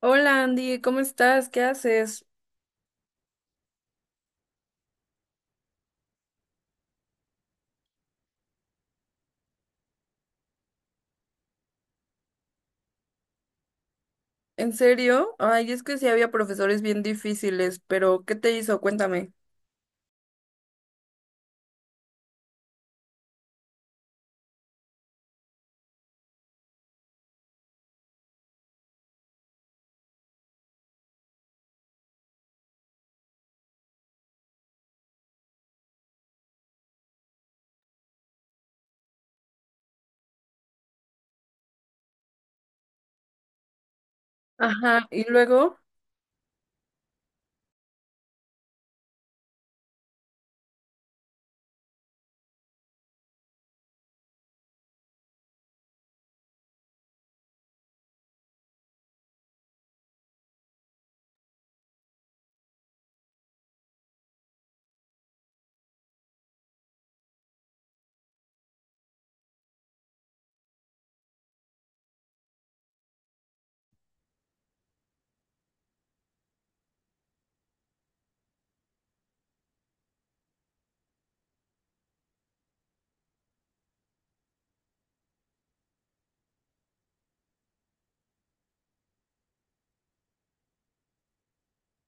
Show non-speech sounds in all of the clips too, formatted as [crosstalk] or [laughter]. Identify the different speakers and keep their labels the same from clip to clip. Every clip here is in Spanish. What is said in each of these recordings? Speaker 1: Hola Andy, ¿cómo estás? ¿Qué haces? ¿En serio? Ay, es que sí había profesores bien difíciles, pero ¿qué te hizo? Cuéntame. Ajá, y luego,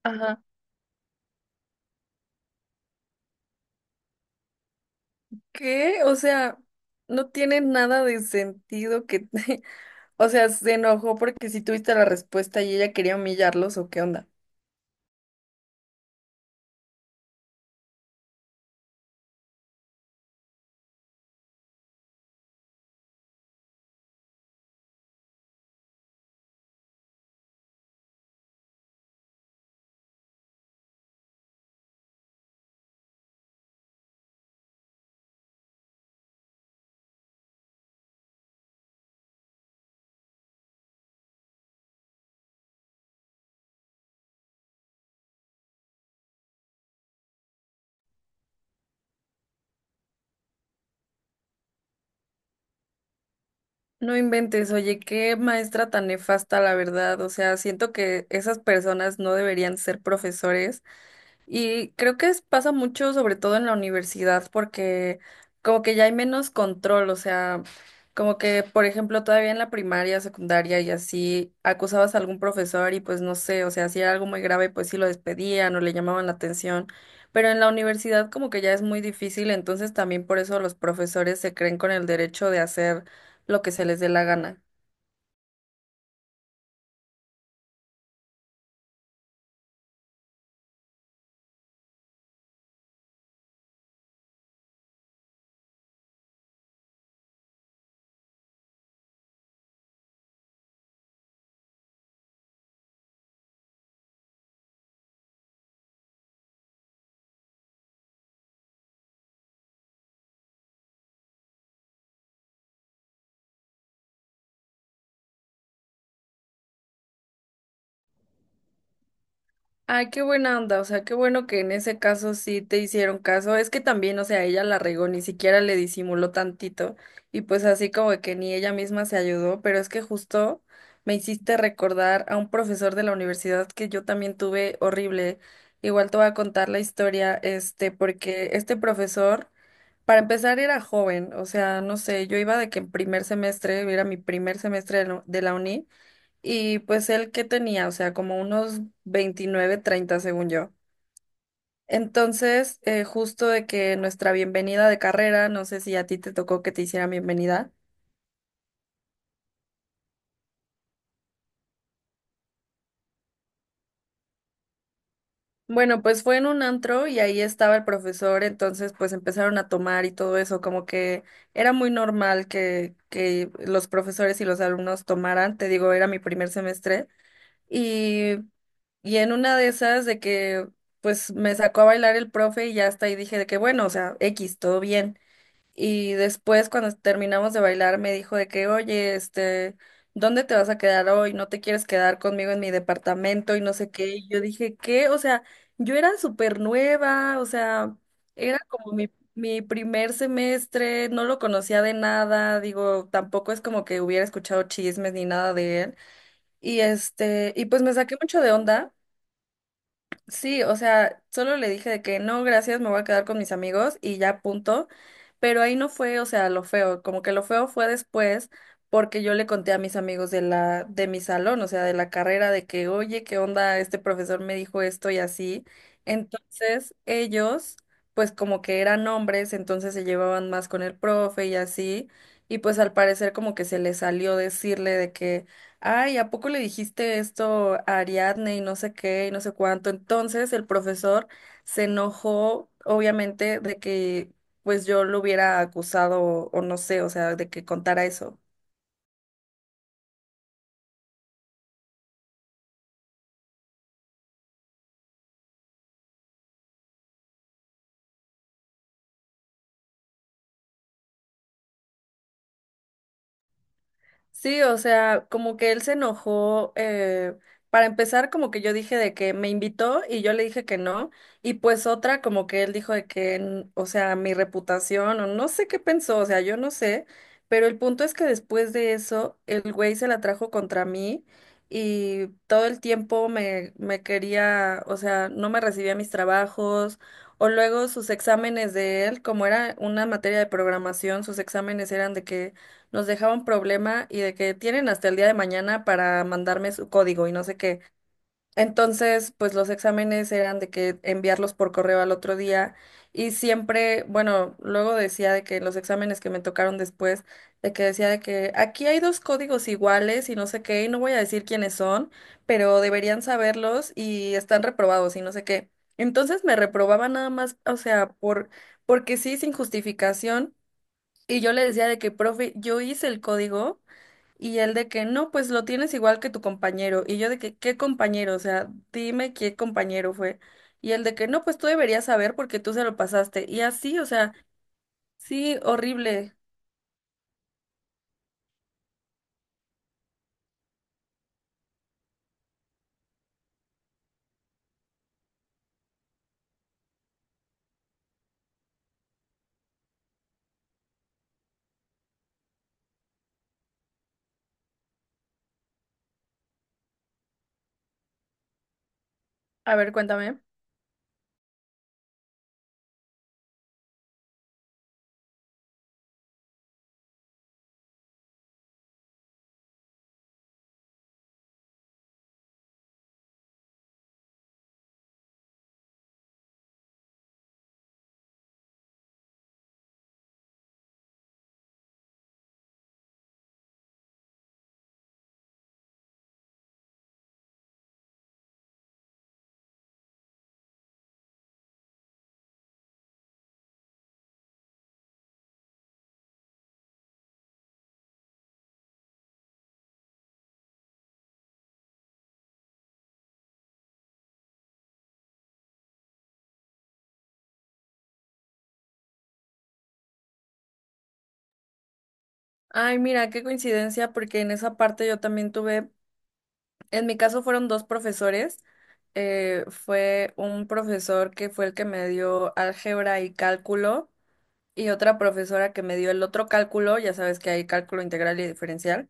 Speaker 1: ajá, ¿qué? O sea, no tiene nada de sentido que, [laughs] o sea, se enojó porque si tuviste la respuesta y ella quería humillarlos o qué onda. No inventes, oye, qué maestra tan nefasta, la verdad. O sea, siento que esas personas no deberían ser profesores. Y creo que pasa mucho, sobre todo en la universidad, porque como que ya hay menos control, o sea, como que, por ejemplo, todavía en la primaria, secundaria y así, acusabas a algún profesor y pues no sé, o sea, si era algo muy grave, pues sí lo despedían o le llamaban la atención, pero en la universidad como que ya es muy difícil, entonces también por eso los profesores se creen con el derecho de hacer lo que se les dé la gana. Ay, qué buena onda, o sea, qué bueno que en ese caso sí te hicieron caso. Es que también, o sea, ella la regó, ni siquiera le disimuló tantito y pues así como que ni ella misma se ayudó, pero es que justo me hiciste recordar a un profesor de la universidad que yo también tuve horrible. Igual te voy a contar la historia, porque este profesor, para empezar, era joven, o sea, no sé, yo iba de que en primer semestre, era mi primer semestre de la uni. Y pues él que tenía, o sea, como unos 29 30 según yo. Entonces, justo de que nuestra bienvenida de carrera, no sé si a ti te tocó que te hicieran bienvenida. Bueno, pues fue en un antro y ahí estaba el profesor, entonces pues empezaron a tomar y todo eso, como que era muy normal que los profesores y los alumnos tomaran, te digo, era mi primer semestre. Y y en una de esas de que pues me sacó a bailar el profe y ya hasta ahí dije de que bueno, o sea, X, todo bien. Y después, cuando terminamos de bailar, me dijo de que, oye, ¿dónde te vas a quedar hoy? ¿No te quieres quedar conmigo en mi departamento? Y no sé qué. Y yo dije, ¿qué? O sea, yo era súper nueva, o sea, era como mi primer semestre, no lo conocía de nada, digo, tampoco es como que hubiera escuchado chismes ni nada de él. Y pues me saqué mucho de onda. Sí, o sea, solo le dije de que no, gracias, me voy a quedar con mis amigos y ya punto. Pero ahí no fue, o sea, lo feo, como que lo feo fue después porque yo le conté a mis amigos de la de mi salón, o sea, de la carrera de que, "Oye, ¿qué onda? Este profesor me dijo esto y así." Entonces, ellos pues como que eran hombres, entonces se llevaban más con el profe y así, y pues al parecer como que se les salió decirle de que ay, ¿a poco le dijiste esto a Ariadne y no sé qué y no sé cuánto? Entonces el profesor se enojó, obviamente, de que pues yo lo hubiera acusado o no sé, o sea, de que contara eso. Sí, o sea, como que él se enojó, para empezar, como que yo dije de que me invitó y yo le dije que no, y pues otra, como que él dijo de que, o sea, mi reputación, o no sé qué pensó, o sea, yo no sé, pero el punto es que después de eso, el güey se la trajo contra mí y todo el tiempo me quería, o sea, no me recibía mis trabajos. O luego sus exámenes de él, como era una materia de programación, sus exámenes eran de que nos dejaba un problema y de que tienen hasta el día de mañana para mandarme su código y no sé qué. Entonces, pues los exámenes eran de que enviarlos por correo al otro día y siempre, bueno, luego decía de que los exámenes que me tocaron después, de que decía de que aquí hay dos códigos iguales y no sé qué, y no voy a decir quiénes son, pero deberían saberlos y están reprobados y no sé qué. Entonces me reprobaba nada más, o sea, por, porque sí, sin justificación. Y yo le decía de que, profe, yo hice el código y él de que, no, pues lo tienes igual que tu compañero. Y yo de que, ¿qué compañero? O sea, dime qué compañero fue. Y él de que, no, pues tú deberías saber porque tú se lo pasaste. Y así, o sea, sí, horrible. A ver, cuéntame. Ay, mira, qué coincidencia, porque en esa parte yo también tuve, en mi caso fueron dos profesores. Fue un profesor que fue el que me dio álgebra y cálculo y otra profesora que me dio el otro cálculo, ya sabes que hay cálculo integral y diferencial,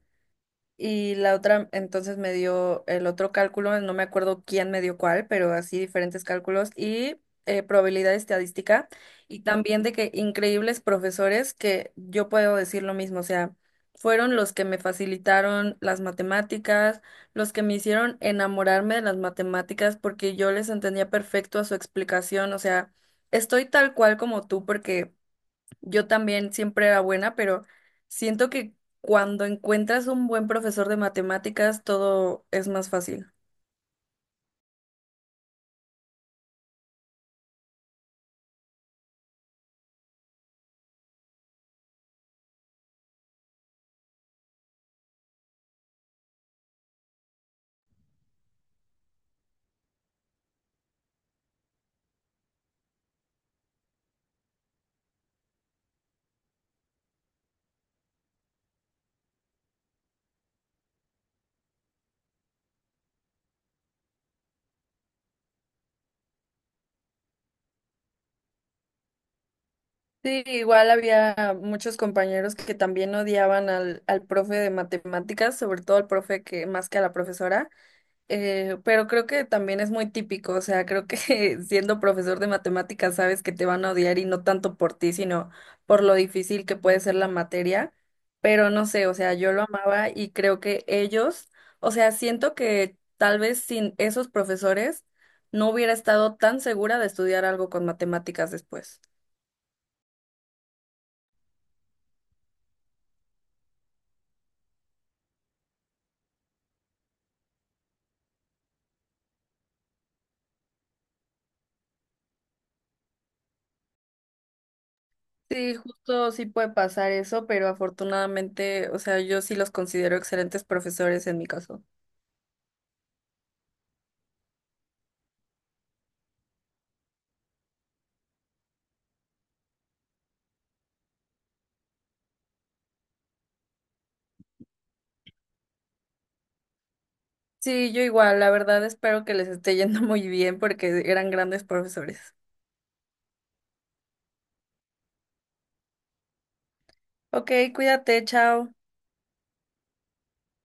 Speaker 1: y la otra entonces me dio el otro cálculo, no me acuerdo quién me dio cuál, pero así diferentes cálculos y probabilidad estadística, y también de que increíbles profesores que yo puedo decir lo mismo, o sea, fueron los que me facilitaron las matemáticas, los que me hicieron enamorarme de las matemáticas porque yo les entendía perfecto a su explicación, o sea, estoy tal cual como tú porque... Yo también siempre era buena, pero siento que cuando encuentras un buen profesor de matemáticas, todo es más fácil. Sí, igual había muchos compañeros que también odiaban al profe de matemáticas, sobre todo al profe que más que a la profesora. Pero creo que también es muy típico, o sea, creo que [laughs] siendo profesor de matemáticas sabes que te van a odiar y no tanto por ti, sino por lo difícil que puede ser la materia, pero no sé, o sea, yo lo amaba y creo que ellos, o sea, siento que tal vez sin esos profesores no hubiera estado tan segura de estudiar algo con matemáticas después. Sí, justo sí puede pasar eso, pero afortunadamente, o sea, yo sí los considero excelentes profesores en mi caso. Sí, yo igual, la verdad espero que les esté yendo [laughs] muy bien porque eran grandes profesores. Ok, cuídate, chao.